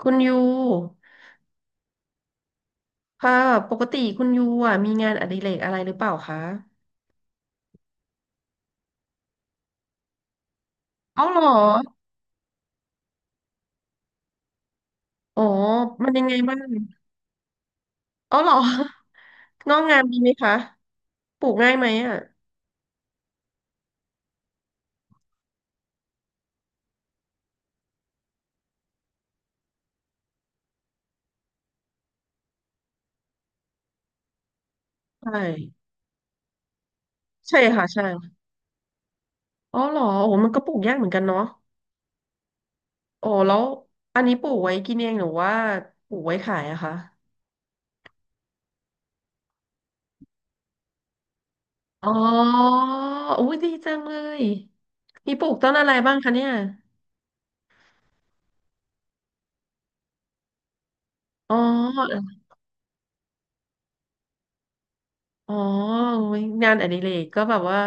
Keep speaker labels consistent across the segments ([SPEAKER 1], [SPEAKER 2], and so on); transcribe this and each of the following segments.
[SPEAKER 1] คุณยูค่ะปกติคุณยูอ่ะมีงานอดิเรกอะไรหรือเปล่าคะเอาเหรออ๋อมันยังไงบ้างออาเหรอ งอกงามดีไหมคะปลูกง่ายไหมอ่ะใช่ใช่ค่ะใช่อ๋อเหรอโอ้มันก็ปลูกยากเหมือนกันเนาะอ๋อแล้วอันนี้ปลูกไว้กินเองหรือว่าปลูกไว้ขายอะคะอ๋ออุ้ยดีจังเลยมีปลูกต้นอะไรบ้างคะเนี่ยอ๋อ อ๋อโอ้ยงานอดิเรกก็แบบว่า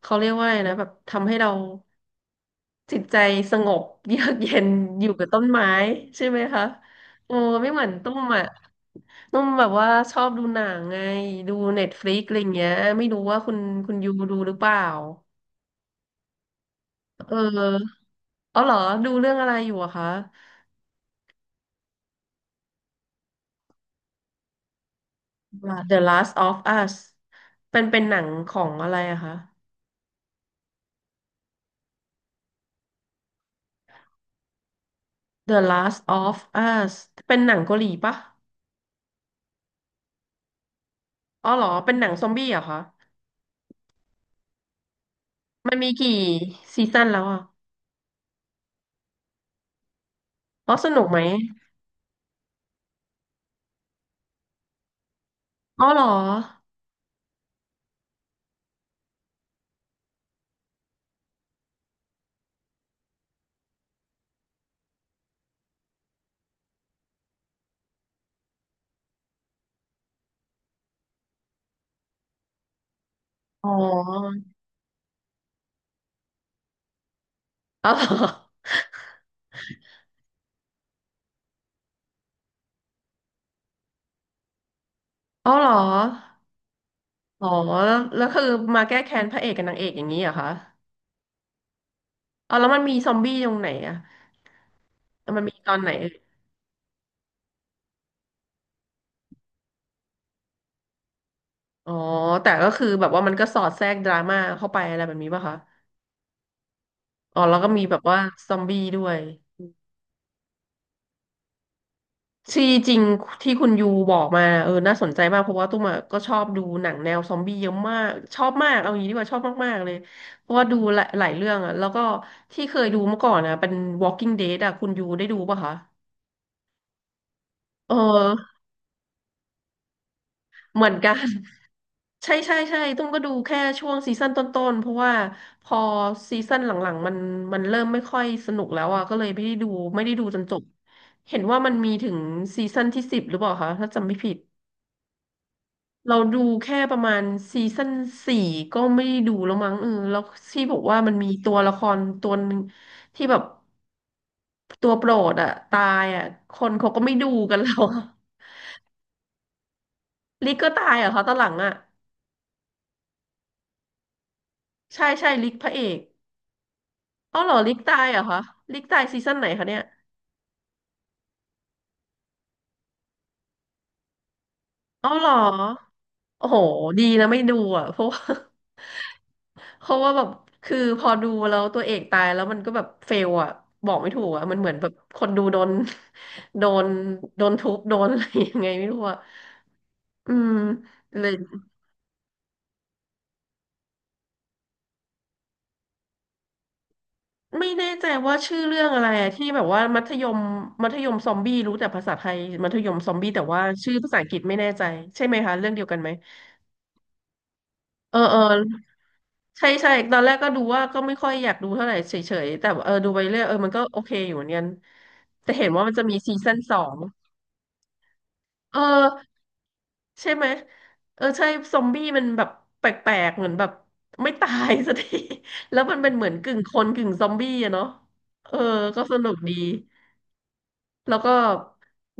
[SPEAKER 1] เขาเรียกว่าอะไรนะแบบทำให้เราจิตใจสงบเยือกเย็นอยู่กับต้นไม้ใช่ไหมคะโอ้ไม่เหมือนตุ้มอ่ะตุ้มแบบว่าชอบดูหนังไงดูเน็ตฟลิกอะไรอย่างเงี้ยไม่รู้ว่าคุณคุณยูดูหรือเปล่าเอออ๋อเหรอดูเรื่องอะไรอยู่อะคะ The Last of Us เป็นเป็นหนังของอะไรอะคะ The Last of Us เป็นหนังเกาหลีปะอ๋อเหรอเป็นหนังซอมบี้เหรอะคะ มันมีกี่ซีซั่นแล้วอ่ะอ๋อสนุกไหมอ๋อเหรออ๋ออ๋อเหรออ๋อเหรออ๋อแล้วแล้วคือมาแก้แค้นพระเอกกับนางเอกอย่างนี้เหรอคะอ๋อแล้วมันมีซอมบี้ตรงไหนอ่ะแล้วมันมีตอนไหนเอ่ยอ๋อแต่ก็คือแบบว่ามันก็สอดแทรกดราม่าเข้าไปอะไรแบบนี้ป่ะคะอ๋อแล้วก็มีแบบว่าซอมบี้ด้วย ที่จริงที่คุณยูบอกมาเออน่าสนใจมากเพราะว่าตุ้มอะก็ชอบดูหนังแนวซอมบี้เยอะมากชอบมากเอางี้ดีกว่าชอบมากๆเลยเพราะว่าดูหลายหลายเรื่องอะแล้วก็ที่เคยดูเมื่อก่อนนะเป็น Walking Dead อะคุณยูได้ดูป่ะคะเออเหมือนกัน ใช่ใช่ใช่ตุ้มก็ดูแค่ช่วงซีซั่นต้นๆเพราะว่าพอซีซั่นหลังๆมันเริ่มไม่ค่อยสนุกแล้วอ่ะก็เลยไม่ได้ดูไม่ได้ดูจนจบเห็นว่ามันมีถึงซีซั่นที่สิบหรือเปล่าคะถ้าจำไม่ผิด เราดูแค่ประมาณซีซั่นสี่ก็ไม่ได้ดูแล้วมั้งเออแล้วที่บอกว่ามันมีตัวละครตัวหนึงที่แบบตัวโปรดอะตายอะคนเขาก็ไม่ดูกันแล้วอะ ลิกก็ตายเหรอคะตอนหลังอะใช่ใช่ลิกพระเอกอ๋อเหรอลิกตายเหรอคะลิกตายซีซั่นไหนคะเนี่ยอ๋อเหรอโอ้โหดีนะไม่ดูอะเพราะว่า เพราะว่าแบบคือพอดูแล้วตัวเอกตายแล้วมันก็แบบเฟลอะบอกไม่ถูกอะมันเหมือนแบบคนดูโดน โดนโดนทุบโดนอะไรยังไงไม่รู้อะอืมเลยไม่แน่ใจว่าชื่อเรื่องอะไรอะที่แบบว่ามัธยมมัธยมซอมบี้รู้แต่ภาษาไทยมัธยมซอมบี้แต่ว่าชื่อภาษาอังกฤษไม่แน่ใจใช่ไหมคะเรื่องเดียวกันไหมเออเออใช่ใช่ตอนแรกก็ดูว่าก็ไม่ค่อยอยากดูเท่าไหร่เฉยๆแต่เออดูไปเรื่อยเออมันก็โอเคอยู่เหมือนกันแต่เห็นว่ามันจะมีซีซั่นสองเออ ใช่ไหมเออใช่ซอมบี้มันแบบแปลกๆเหมือนแบบไม่ตายสักที แล้วมันเป็นเหมือนกึ่งคนกึ่งซอมบี้อะเนาะเออก็สนุกดีแล้วก็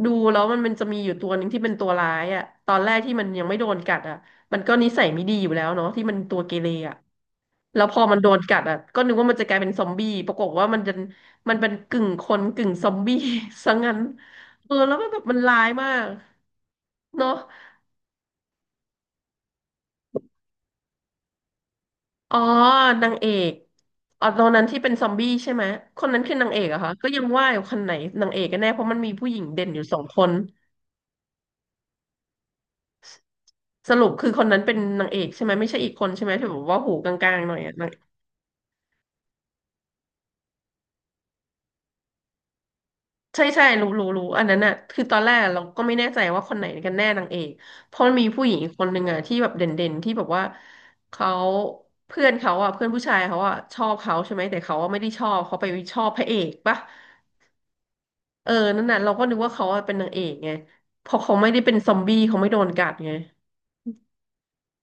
[SPEAKER 1] ดูแล้วมันจะมีอยู่ตัวหนึ่งที่เป็นตัวร้ายอะตอนแรกที่มันยังไม่โดนกัดอะมันก็นิสัยไม่ดีอยู่แล้วเนาะที่มันตัวเกเรอะแล้วพอมันโดนกัดอะก็นึกว่ามันจะกลายเป็นซอมบี้ปรากฏว่ามันจะมันเป็นกึ่งคนกึ่งซอมบี้ ซะงั้นเออแล้วมันแบบมันร้ายมากเนาะ อ๋อนางเอกอ๋อตอนนั้นที่เป็นซอมบี้ใช่ไหมคนนั้นคือนางเอกเหรอะคะก็ยังว่าอยู่คนไหนนางเอกกันแน่เพราะมันมีผู้หญิงเด่นอยู่สองคนสรุปคือคนนั้นเป็นนางเอกใช่ไหมไม่ใช่อีกคนใช่ไหมที่แบบว่าหูกลางๆหน่อยอะนางใช่ใช่รู้รู้รู้อันนั้นอะคือตอนแรกเราก็ไม่แน่ใจว่าคนไหนกันแน่นางเอกเพราะมันมีผู้หญิงอีกคนหนึ่งอะที่แบบเด่นๆที่แบบว่าเขาเพื่อนเขาอะเพื่อนผู้ชายเขาอะชอบเขาใช่ไหมแต่เขาอะไม่ได้ชอบเขาไปชอบพระเอกปะ เออนั่นน่ะเราก็นึกว่าเขาอะเป็นนางเอกไงเพอเขาไม่ได้เป็นซอมบี้เขาไม่โดนกัดไง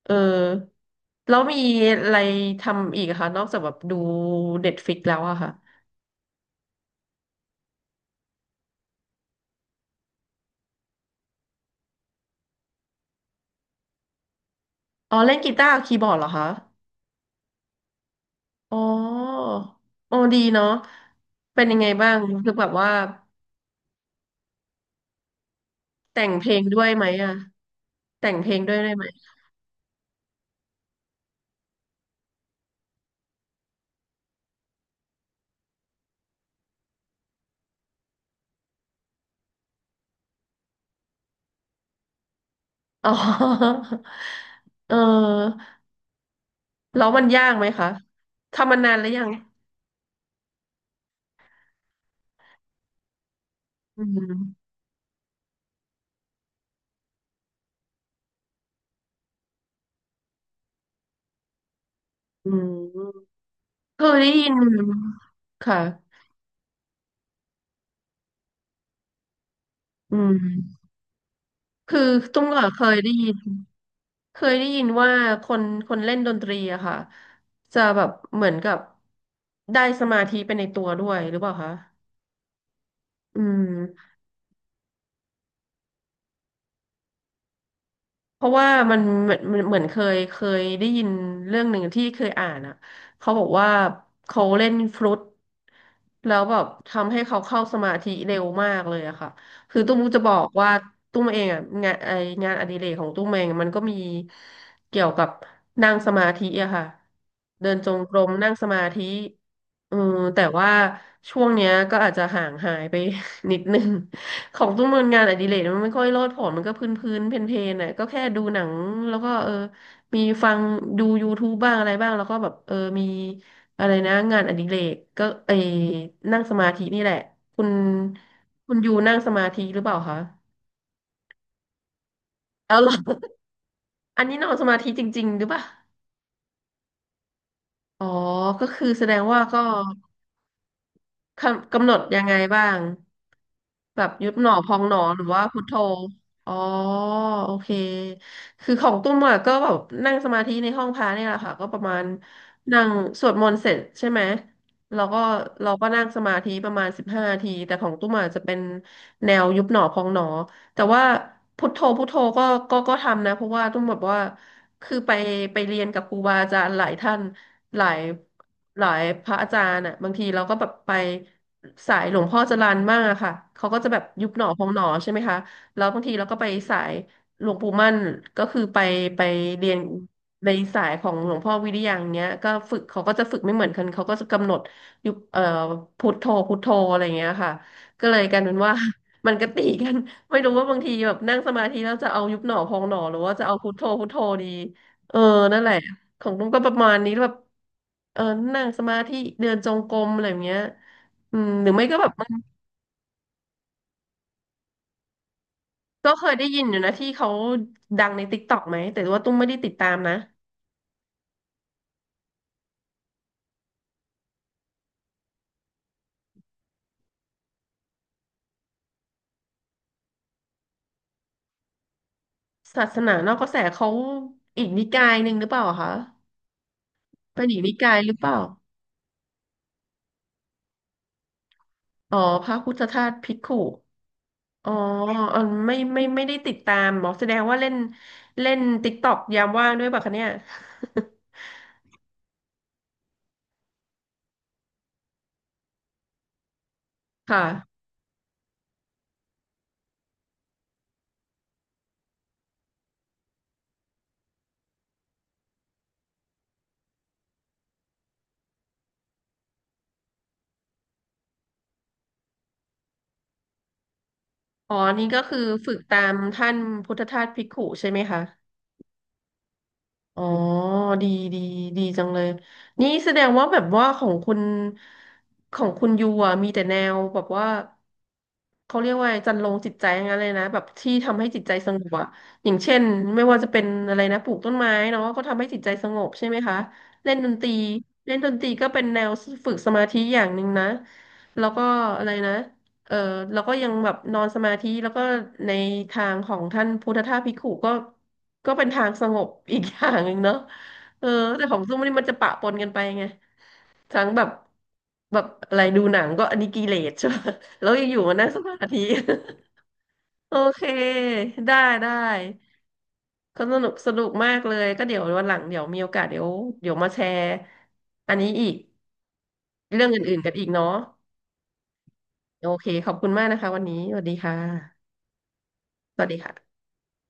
[SPEAKER 1] เออแล้วมีอะไรทำอีกอะคะนอกจากแบบดูเด็ดฟิกแล้วอะค่ะอ๋อเล่นกีตาร์กับคีย์บอร์ดเหรอคะอ๋อโอ้ดีเนาะเป็นยังไงบ้างคือแบบว่าแต่งเพลงด้วยไหมอะแต่งเพลงด้วยได้ไหมอ๋อ เออแล้วมันยากไหมคะทำมานานแล้วยังอืมอืมเคยได้ยินค่ะ อืม คือตุ้มก็เคยได้ยิน เคยได้ยินว่าคนคนเล่นดนตรีอะค่ะจะแบบเหมือนกับได้สมาธิไปในตัวด้วยหรือเปล่าคะอืม เพราะว่ามันเหมือนเคยได้ยินเรื่องหนึ่งที่เคยอ่านอ่ะเขาบอกว่าเขาเล่นฟลุตแล้วแบบทำให้เขาเข้าสมาธิเร็วมากเลยอะค่ะคือตุ้มจะบอกว่าตุ้มเองอะงานอดิเรกของตุ้มเองมันก็มีเกี่ยวกับนั่งสมาธิอะค่ะเดินจงกรมนั่งสมาธิเออแต่ว่าช่วงเนี้ยก็อาจจะห่างหายไป นิดนึง ของตุ้มมันงานอดิเรกมันไม่ค่อยโลดโผนมันก็พื้นพื้นเพนเพนๆน่ะก็แค่ดูหนังแล้วก็เออมีฟังดู YouTube บ้างอะไรบ้างแล้วก็แบบเออมีอะไรนะงานอดิเรกก็เออนั่งสมาธินี่แหละคุณคุณอยู่นั่งสมาธิหรือเปล่าคะเอาเหรอ อันนี้นอนสมาธิจริงๆหรือเปล่าอ๋อก็คือแสดงว่าก็กำหนดยังไงบ้าง แบบยุบหนอพองหนอหรือว่าพุทโธอ๋อโอเคคือของตุ้มอะก็แบบนั่งสมาธิในห้องพระเนี่ยแหละค่ะก็ประมาณนั่งสวดมนต์เสร็จใช่ไหมแล้วก็เราก็นั่งสมาธิประมาณ15ทีแต่ของตุ้มอะจะเป็นแนวยุบหนอพองหนอแต่ว่าพุทโธพุทโธก็ก็ทำนะเพราะว่าตุ้มแบบว่าคือไปเรียนกับครูบาอาจารย์หลายท่าน หลายหลายพระอาจารย์อ่ะบางทีเราก็แบบไปสายหลวงพ่อจรัญมากอะค่ะเขาก็จะแบบยุบหนอพองหนอใช่ไหมคะแล้วบางทีเราก็ไปสายหลวงปู่มั่นก็คือไปเรียนในสายของหลวงพ่อวิริยังเนี้ยก็ฝึกเขาก็จะฝึกไม่เหมือนกันเขาก็จะกำหนดยุบพุทโธพุทโธอะไรอย่างเงี้ยค่ะก็เลยกลายเป็นว่า มันก็ตีกันไม่รู้ว่าบางทีแบบนั่งสมาธิแล้วจะเอายุบหนอพองหนอหรือว่าจะเอาพุทโธพุทโธดีเออนั่นแหละ ของตุ้มก็ประมาณนี้แบบเออนั่งสมาธิเดินจงกรมอะไรอย่างเงี้ยอืมหรือไม่ก็แบบมันก็เคยได้ยินอยู่นะที่เขาดังในติ๊กต็อกไหมแต่ว่าตุ้มไม่ได้ติดตามนะศาสนานอกกระแสเขาอีกนิกายหนึ่งหรือเปล่าอะคะเป็นอีกนิกายหรือเปล่าอ๋อพระพุทธทาสภิกขุอ๋ออ๋อไม่ได้ติดตามบอกแสดงว่าเล่นเล่นติ๊กต็อกยามว่างด้วยป่ะคะเนี่ย ค่ะอ๋อนี่ก็คือฝึกตามท่านพุทธทาสภิกขุใช่ไหมคะ อ๋อดีดีดีจังเลยนี่แสดงว่าแบบว่าของคุณยูอ่ะมีแต่แนวแบบว่าเขาเรียกว่าจันโลงจิตใจอย่างนั้นเลยนะแบบที่ทำให้จิตใจสงบอ่ะอย่างเช่นไม่ว่าจะเป็นอะไรนะปลูกต้นไม้เนาะก็ทำให้จิตใจสงบใช่ไหมคะเล่นดนตรีก็เป็นแนวฝึกสมาธิอย่างหนึ่งนะแล้วก็อะไรนะ เออแล้วก็ยังแบบนอนสมาธิแล้วก็ในทางของท่านพุทธทาสภิกขุก็เป็นทางสงบอีกอย่างหนึ่งเนาะเออแต่ของซุ้มนี่มันจะปะปนกันไปไงทั้งแบบแบบอะไรดูหนังก็อันนี้กิเลสใช่ไหมแล้วอยู่ๆมานั่งสมาธิ โอเคได้ได้ก็สนุกสนุกมากเลยก็เดี๋ยววันหลังเดี๋ยวมีโอกาสเดี๋ยวมาแชร์อันนี้อีกเรื่องอื่นๆกันอีกเนาะโอเคขอบคุณมากนะคะวันนี้สวัสดีค่ะสวัสดีค่ะ